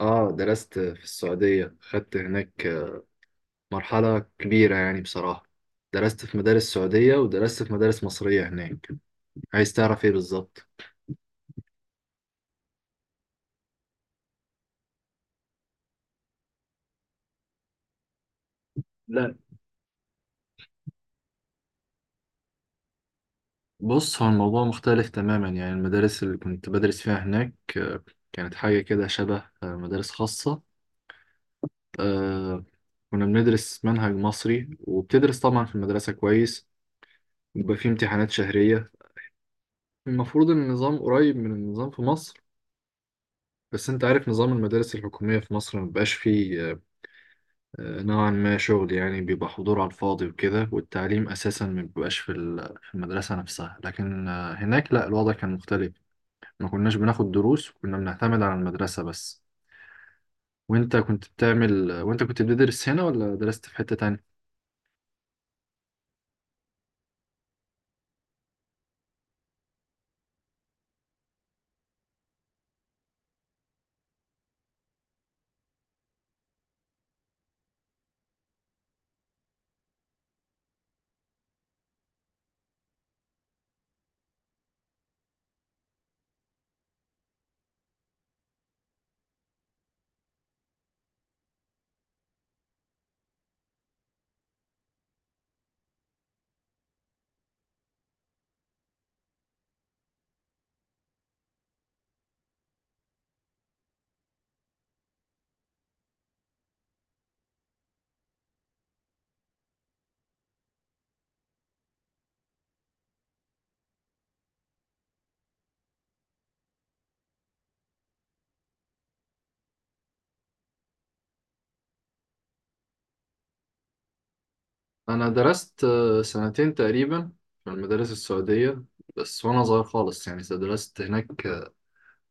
اه، درست في السعودية. خدت هناك مرحلة كبيرة يعني بصراحة. درست في مدارس سعودية ودرست في مدارس مصرية هناك. عايز تعرف ايه بالظبط؟ لا. بص، هو الموضوع مختلف تماما، يعني المدارس اللي كنت بدرس فيها هناك كانت حاجة كده شبه مدارس خاصة. آه، كنا بندرس منهج مصري، وبتدرس طبعا في المدرسة كويس، وبيبقى فيه امتحانات شهرية. المفروض ان النظام قريب من النظام في مصر، بس انت عارف نظام المدارس الحكومية في مصر مبقاش فيه نوعا ما شغل، يعني بيبقى حضور على الفاضي وكده، والتعليم أساسا ما بيبقاش في في المدرسة نفسها. لكن هناك لا، الوضع كان مختلف. ما كناش بناخد دروس، وكنا بنعتمد على المدرسة بس. وانت كنت بتعمل، وانت كنت بتدرس هنا ولا درست في حتة تانية؟ أنا درست سنتين تقريبا في المدارس السعودية بس، وأنا صغير خالص يعني. درست هناك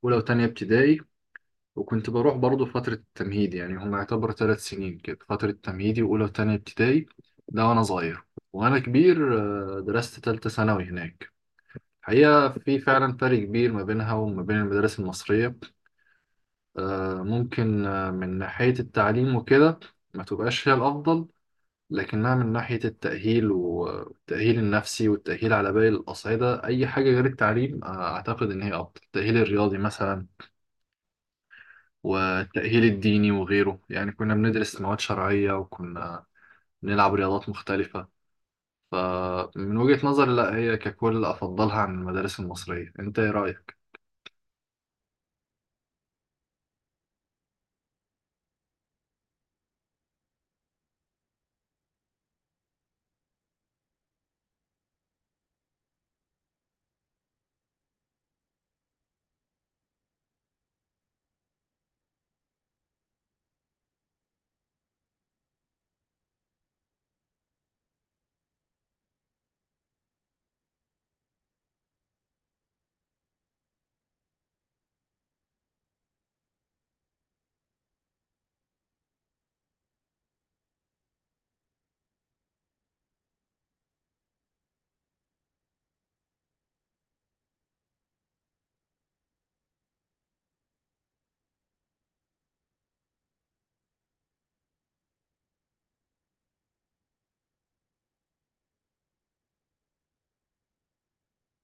أولى وتانية ابتدائي، وكنت بروح برضه فترة التمهيد، يعني هم يعتبر 3 سنين كده: فترة تمهيدي وأولى وتانية ابتدائي، ده وأنا صغير. وأنا كبير درست تالتة ثانوي هناك. الحقيقة في فعلا فرق كبير ما بينها وما بين المدارس المصرية. ممكن من ناحية التعليم وكده ما تبقاش هي الأفضل، لكنها من ناحية التأهيل، والتأهيل النفسي، والتأهيل على باقي الأصعدة، أي حاجة غير التعليم، أعتقد إن هي أفضل. التأهيل الرياضي مثلا، والتأهيل الديني وغيره، يعني كنا بندرس مواد شرعية وكنا بنلعب رياضات مختلفة. فمن وجهة نظري، لا، هي ككل أفضلها عن المدارس المصرية. أنت إيه رأيك؟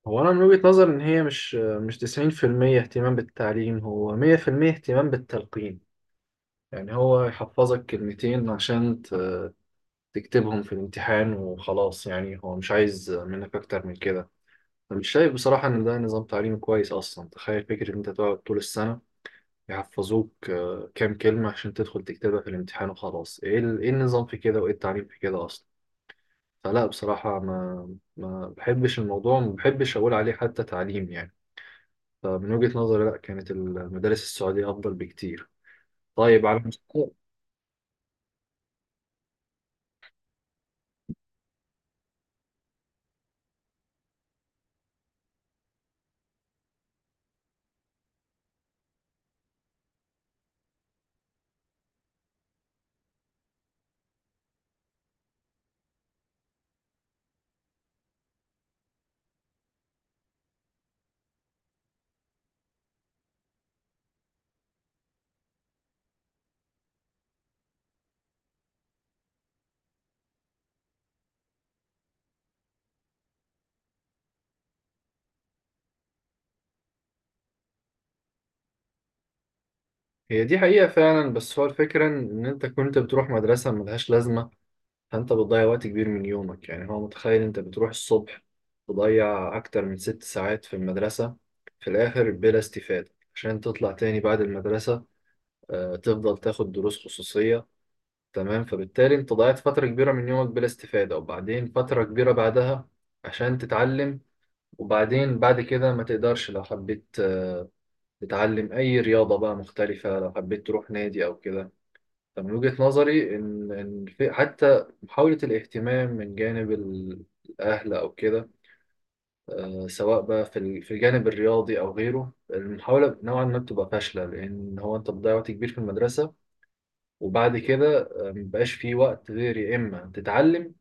هو أنا من وجهة نظري إن هي مش 90% اهتمام بالتعليم، هو 100% اهتمام بالتلقين. يعني هو يحفظك كلمتين عشان تكتبهم في الامتحان وخلاص، يعني هو مش عايز منك أكتر من كده. أنا مش شايف بصراحة إن ده نظام تعليم كويس أصلا. تخيل فكرة إن أنت تقعد طول السنة يحفظوك كام كلمة عشان تدخل تكتبها في الامتحان وخلاص. ايه النظام في كده، وايه التعليم في كده اصلا؟ فلا بصراحة، ما بحبش الموضوع، ما بحبش اقول عليه حتى تعليم يعني. فمن وجهة نظري، لا، كانت المدارس السعودية افضل بكتير. طيب على مستوى. هي دي حقيقة فعلا، بس هو الفكرة ان انت كنت بتروح مدرسة ملهاش لازمة، فانت بتضيع وقت كبير من يومك. يعني هو متخيل، انت بتروح الصبح تضيع اكتر من 6 ساعات في المدرسة، في الاخر بلا استفادة، عشان تطلع تاني بعد المدرسة تفضل تاخد دروس خصوصية. تمام، فبالتالي انت ضيعت فترة كبيرة من يومك بلا استفادة، وبعدين فترة كبيرة بعدها عشان تتعلم. وبعدين بعد كده ما تقدرش لو حبيت تتعلم اي رياضة بقى مختلفة، لو حبيت تروح نادي او كده. من وجهة نظري إن في حتى محاولة الاهتمام من جانب الأهل أو كده، سواء بقى في في الجانب الرياضي أو غيره، المحاولة نوعا ما بتبقى فاشلة، لأن هو أنت بتضيع وقت كبير في المدرسة. وبعد كده مبقاش في وقت، غير يا إما تتعلم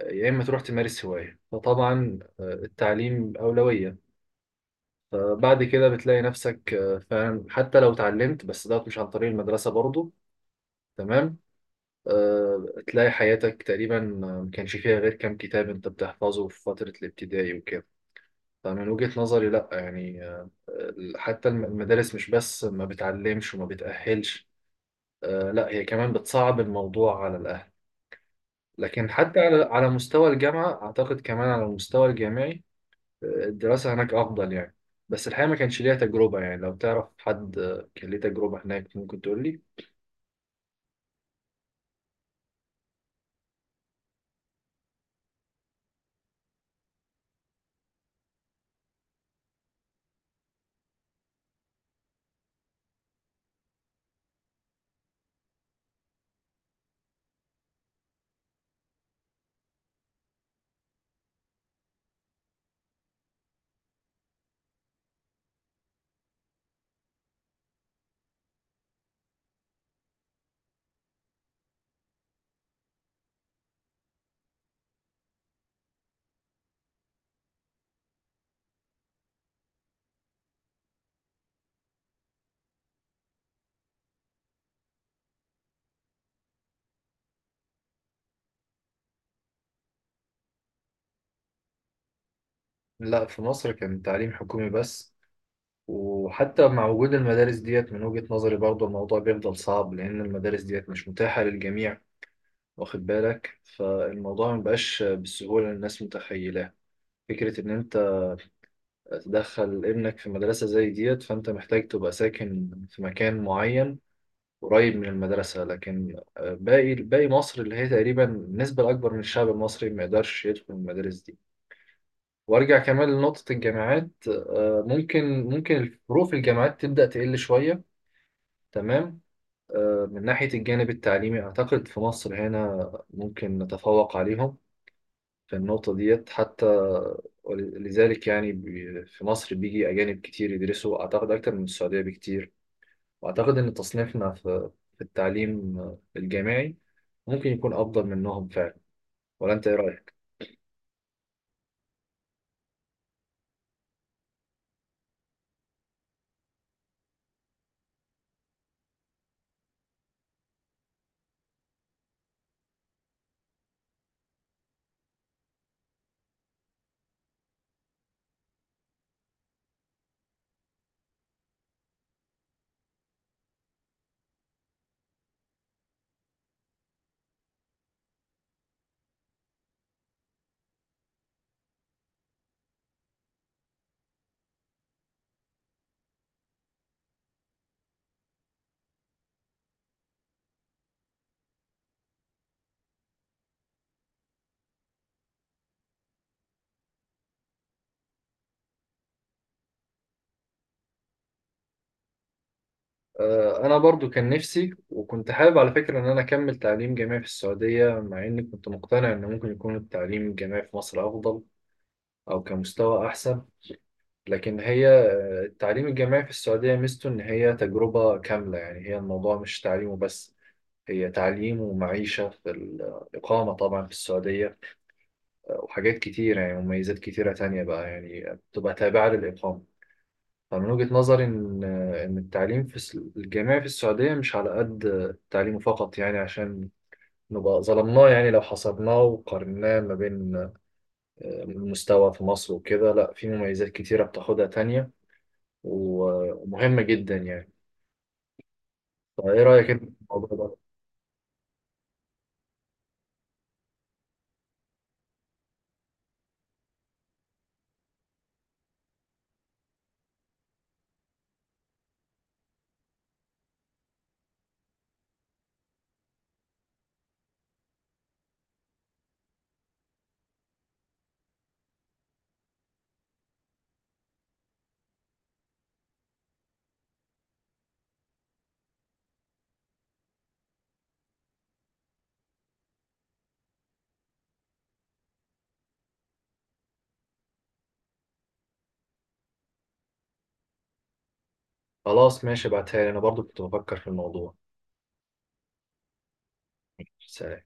يا إما تروح تمارس هواية. فطبعا التعليم أولوية. فبعد كده بتلاقي نفسك فعلا، حتى لو اتعلمت، بس دوت مش عن طريق المدرسة برضه. تمام. تلاقي حياتك تقريبا ما كانش فيها غير كام كتاب انت بتحفظه في فترة الابتدائي وكده. فمن وجهة نظري، لا يعني، حتى المدارس مش بس ما بتعلمش وما بتأهلش، لا، هي كمان بتصعب الموضوع على الأهل. لكن حتى على مستوى الجامعة، أعتقد كمان على المستوى الجامعي الدراسة هناك أفضل يعني. بس الحقيقة ما كانش ليها تجربة، يعني لو تعرف حد كان ليه تجربة هناك ممكن تقول لي. لا، في مصر كان تعليم حكومي بس. وحتى مع وجود المدارس ديت من وجهة نظري برضه الموضوع بيفضل صعب، لأن المدارس ديت مش متاحة للجميع، واخد بالك. فالموضوع مبقاش بالسهولة اللي الناس متخيلاه. فكرة إن أنت تدخل ابنك في مدرسة زي ديت، فأنت محتاج تبقى ساكن في مكان معين قريب من المدرسة، لكن باقي مصر اللي هي تقريبا النسبة الأكبر من الشعب المصري ما يقدرش يدخل المدارس دي. وارجع كمان لنقطة الجامعات، ممكن الفروق في الجامعات تبدأ تقل شوية. تمام. من ناحية الجانب التعليمي أعتقد في مصر هنا ممكن نتفوق عليهم في النقطة ديت حتى. لذلك يعني في مصر بيجي أجانب كتير يدرسوا، أعتقد أكتر من السعودية بكتير. وأعتقد إن تصنيفنا في التعليم الجامعي ممكن يكون أفضل منهم فعلا. ولا أنت إيه رأيك؟ أنا برضو كان نفسي، وكنت حابب على فكرة إن أنا أكمل تعليم جامعي في السعودية، مع إني كنت مقتنع إن ممكن يكون التعليم الجامعي في مصر أفضل أو كمستوى أحسن. لكن هي التعليم الجامعي في السعودية ميزته إن هي تجربة كاملة، يعني هي الموضوع مش تعليم وبس. هي تعليم ومعيشة في الإقامة طبعا في السعودية، وحاجات كتير، يعني مميزات كتيرة تانية بقى يعني بتبقى تابعة للإقامة. فمن وجهة نظري إن التعليم في الجامعي في السعودية مش على قد التعليم فقط، يعني عشان نبقى ظلمناه، يعني لو حصرناه وقارناه ما بين المستوى في مصر وكده. لا، في مميزات كتيرة بتاخدها تانية ومهمة جدا يعني. طيب ايه رأيك انت في الموضوع ده؟ خلاص ماشي، ابعتها لي، انا برضو كنت بفكر في الموضوع. سلام.